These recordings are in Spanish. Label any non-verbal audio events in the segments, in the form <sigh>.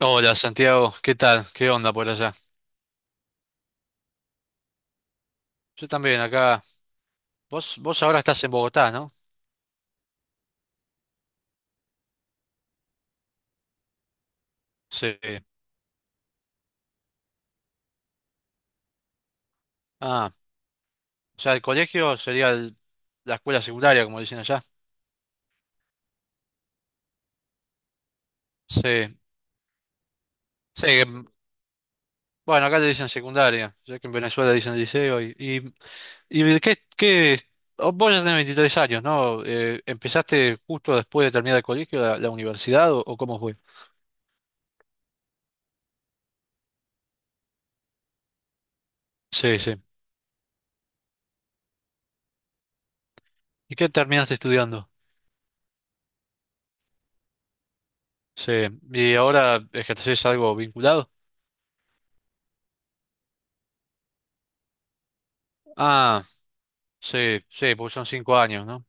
Hola Santiago, ¿qué tal? ¿Qué onda por allá? Yo también acá. Vos ahora estás en Bogotá, ¿no? Sí. Ah, o sea, el colegio sería la escuela secundaria, como dicen allá. Sí. Sí, bueno, acá le dicen secundaria, ya que en Venezuela dicen liceo. ¿Y vos ya tenés 23 años, ¿no? ¿Empezaste justo después de terminar el colegio, la universidad, o cómo fue? Sí, sí. ¿Y qué terminaste estudiando? Sí. ¿Y ahora ejercés algo vinculado? Ah. Sí, sí, porque son 5 años, ¿no?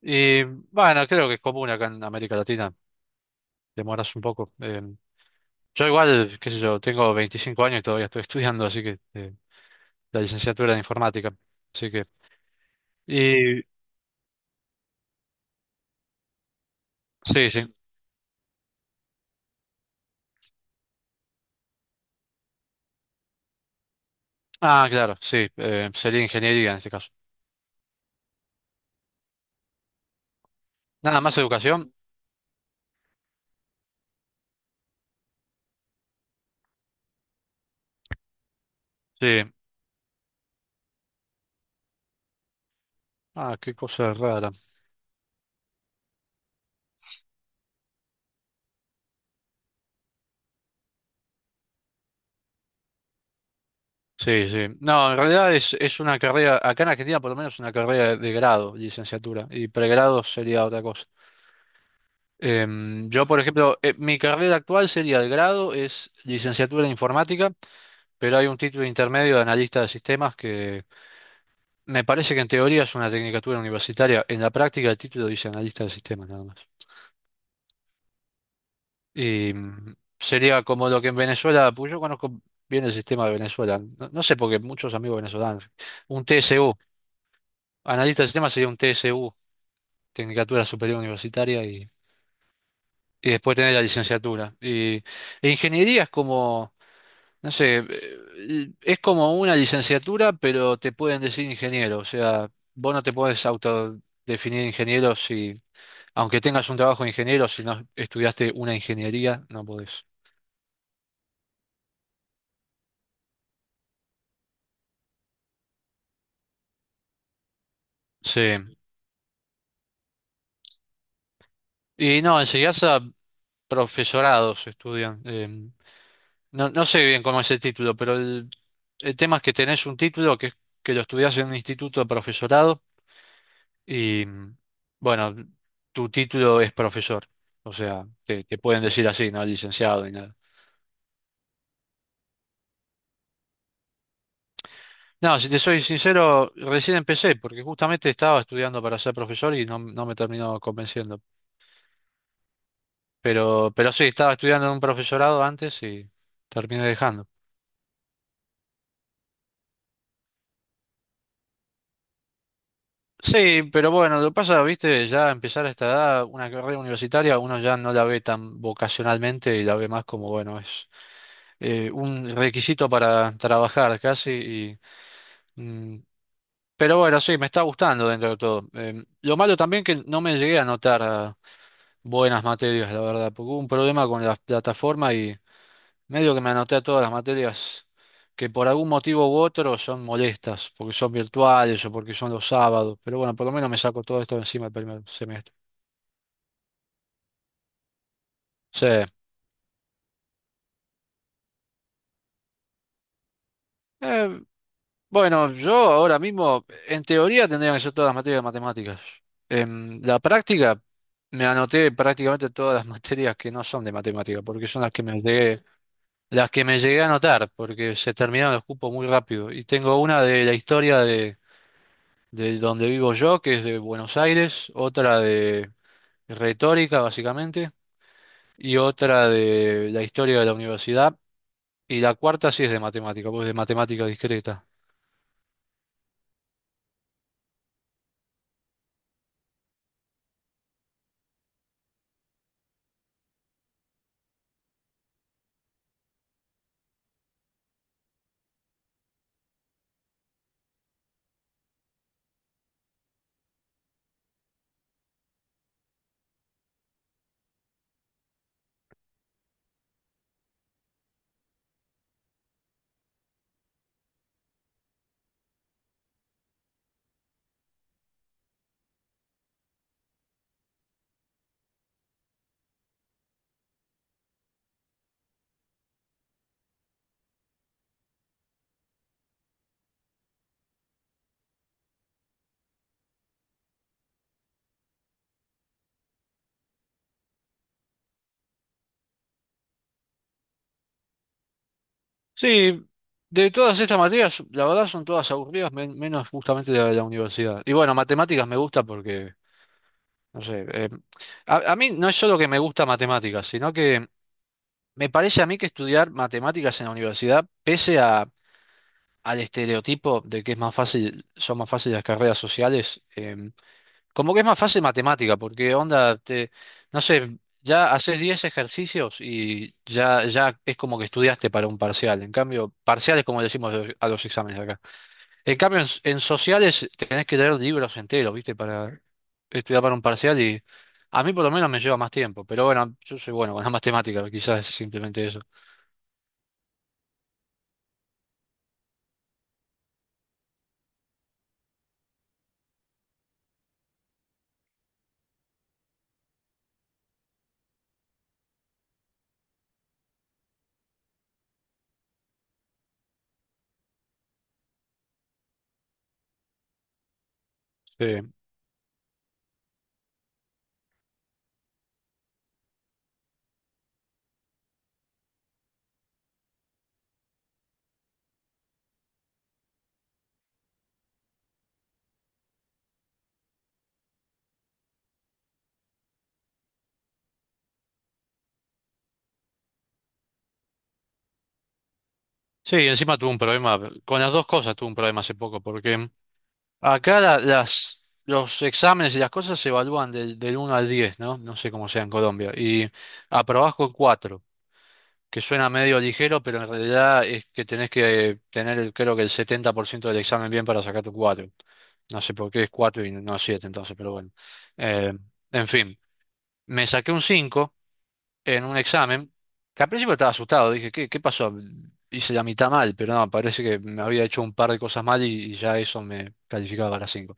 Y bueno, creo que es común acá en América Latina, demoras un poco. Yo igual, qué sé yo, tengo 25 años y todavía estoy <laughs> estudiando, así que la licenciatura de informática. Así que... Y sí, sí. Ah, claro, sí, sería ingeniería en este caso. Nada más educación, sí. Ah, qué cosa rara. Sí, sí. No, en realidad es una carrera, acá en Argentina por lo menos una carrera de grado, licenciatura, y pregrado sería otra cosa. Yo, por ejemplo, mi carrera actual sería el grado, es licenciatura en informática, pero hay un título intermedio de analista de sistemas que me parece que en teoría es una tecnicatura universitaria, en la práctica el título dice analista de sistemas nada más. Y sería como lo que en Venezuela, pues yo conozco bien el sistema de Venezuela, no, no sé porque muchos amigos venezolanos, un TSU, analista de sistemas sería un TSU, tecnicatura superior universitaria y después tener la licenciatura. E ingeniería es como no sé, es como una licenciatura, pero te pueden decir ingeniero. O sea, vos no te puedes autodefinir ingeniero si, aunque tengas un trabajo de ingeniero, si no estudiaste una ingeniería, no podés. Sí. Y no, en a profesorados estudian. No, no sé bien cómo es el título, pero el tema es que tenés un título es que lo estudiás en un instituto de profesorado. Y bueno, tu título es profesor, o sea, te pueden decir así, no licenciado ni nada. No, si te soy sincero, recién empecé, porque justamente estaba estudiando para ser profesor y no, no me terminó convenciendo. Pero sí, estaba estudiando en un profesorado antes y terminé dejando. Sí, pero bueno, lo que pasa, viste, ya empezar a esta edad, una carrera universitaria, uno ya no la ve tan vocacionalmente y la ve más como, bueno, es un requisito para trabajar casi y pero bueno, sí, me está gustando dentro de todo. Lo malo también que no me llegué a anotar a buenas materias, la verdad, porque hubo un problema con la plataforma y medio que me anoté a todas las materias que por algún motivo u otro son molestas, porque son virtuales o porque son los sábados. Pero bueno, por lo menos me saco todo esto de encima el primer semestre. Sí. Eh, bueno, yo ahora mismo, en teoría, tendría que ser todas las materias de matemáticas. En la práctica, me anoté prácticamente todas las <laughs> materias que no son de matemática, porque son las que me llegué a anotar, porque se terminaron los cupos muy rápido. Y tengo una de la historia de donde vivo yo, que es de Buenos Aires, otra de retórica, básicamente, y otra de la historia de la universidad, y la cuarta sí es de matemática, pues de matemática discreta. Sí, de todas estas materias, la verdad son todas aburridas, menos justamente la de la universidad. Y bueno, matemáticas me gusta porque, no sé, a mí no es solo que me gusta matemáticas, sino que me parece a mí que estudiar matemáticas en la universidad, pese a, al estereotipo de que es más fácil, son más fáciles las carreras sociales, como que es más fácil matemática, porque onda, no sé, ya haces 10 ejercicios y ya es como que estudiaste para un parcial. En cambio, parciales como le decimos a los exámenes acá. En cambio, en sociales tenés que leer libros enteros, ¿viste? Para estudiar para un parcial y a mí por lo menos me lleva más tiempo. Pero bueno, yo soy bueno con las matemáticas, <laughs> quizás es simplemente eso. Sí. Sí, encima tuve un problema, con las dos cosas tuve un problema hace poco, porque acá las, los exámenes y las cosas se evalúan del 1 al 10, ¿no? No sé cómo sea en Colombia. Y aprobás con 4, que suena medio ligero, pero en realidad es que tenés que tener, creo que el 70% del examen bien para sacar tu 4. No sé por qué es 4 y no 7, entonces, pero bueno. Eh, en fin, me saqué un 5 en un examen, que al principio estaba asustado, dije, ¿qué pasó? Hice la mitad mal, pero no, parece que me había hecho un par de cosas mal y ya eso me calificaba para 5.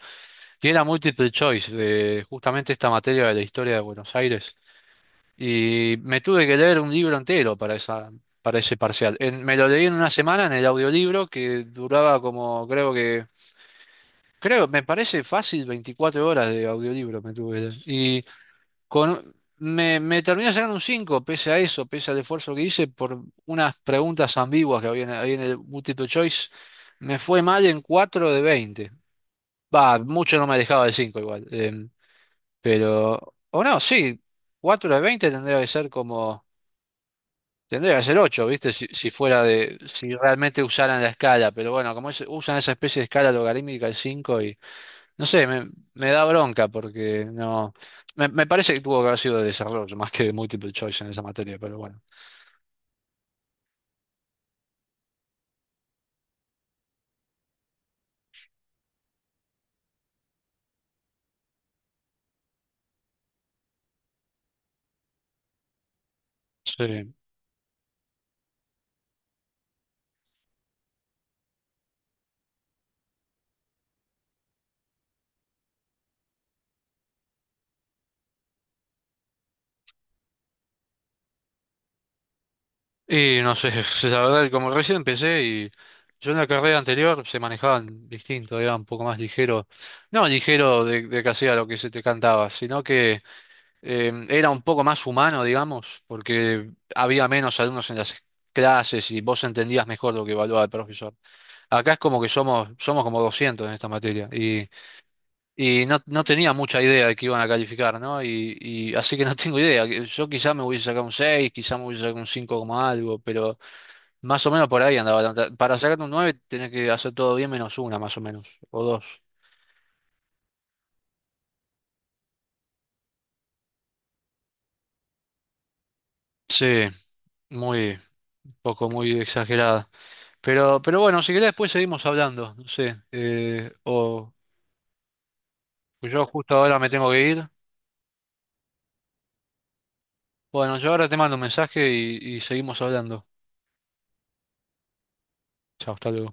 Tiene la multiple choice de justamente esta materia de la historia de Buenos Aires. Y me tuve que leer un libro entero para ese parcial. Me lo leí en una semana en el audiolibro que duraba como, creo, me parece fácil 24 horas de audiolibro me tuve que leer. Y me terminé sacando un 5 pese a eso, pese al esfuerzo que hice por unas preguntas ambiguas que había en el multiple choice. Me fue mal en 4 de 20. Va, mucho no me dejaba de 5 igual. Pero, o no, sí, 4 de 20 tendría que ser ocho, ¿viste? Si si realmente usaran la escala, pero bueno, como usan esa especie de escala logarítmica el 5 y, no sé, me da bronca porque no, me parece que tuvo que haber sido de desarrollo más que de multiple choice en esa materia, pero bueno. Sí. Y no sé, <laughs> la verdad, como recién empecé y yo en la carrera anterior se manejaban distinto, era un poco más ligero, no ligero de que hacía lo que se te cantaba, sino que era un poco más humano, digamos, porque había menos alumnos en las clases y vos entendías mejor lo que evaluaba el profesor. Acá es como que somos como 200 en esta materia y no, no tenía mucha idea de que iban a calificar, ¿no? Y así que no <laughs> tengo idea. Yo quizá me hubiese sacado un 6, quizá me hubiese sacado un 5 como algo, pero más o menos por ahí andaba. La nota. Para sacar un 9 tenés que hacer todo bien menos una, más o menos, o dos. Sí, muy poco, muy exagerada. Pero bueno, si querés después seguimos hablando, no sé. O Yo justo ahora me tengo que ir. Bueno, yo ahora te mando un mensaje y seguimos hablando. Chao, hasta luego.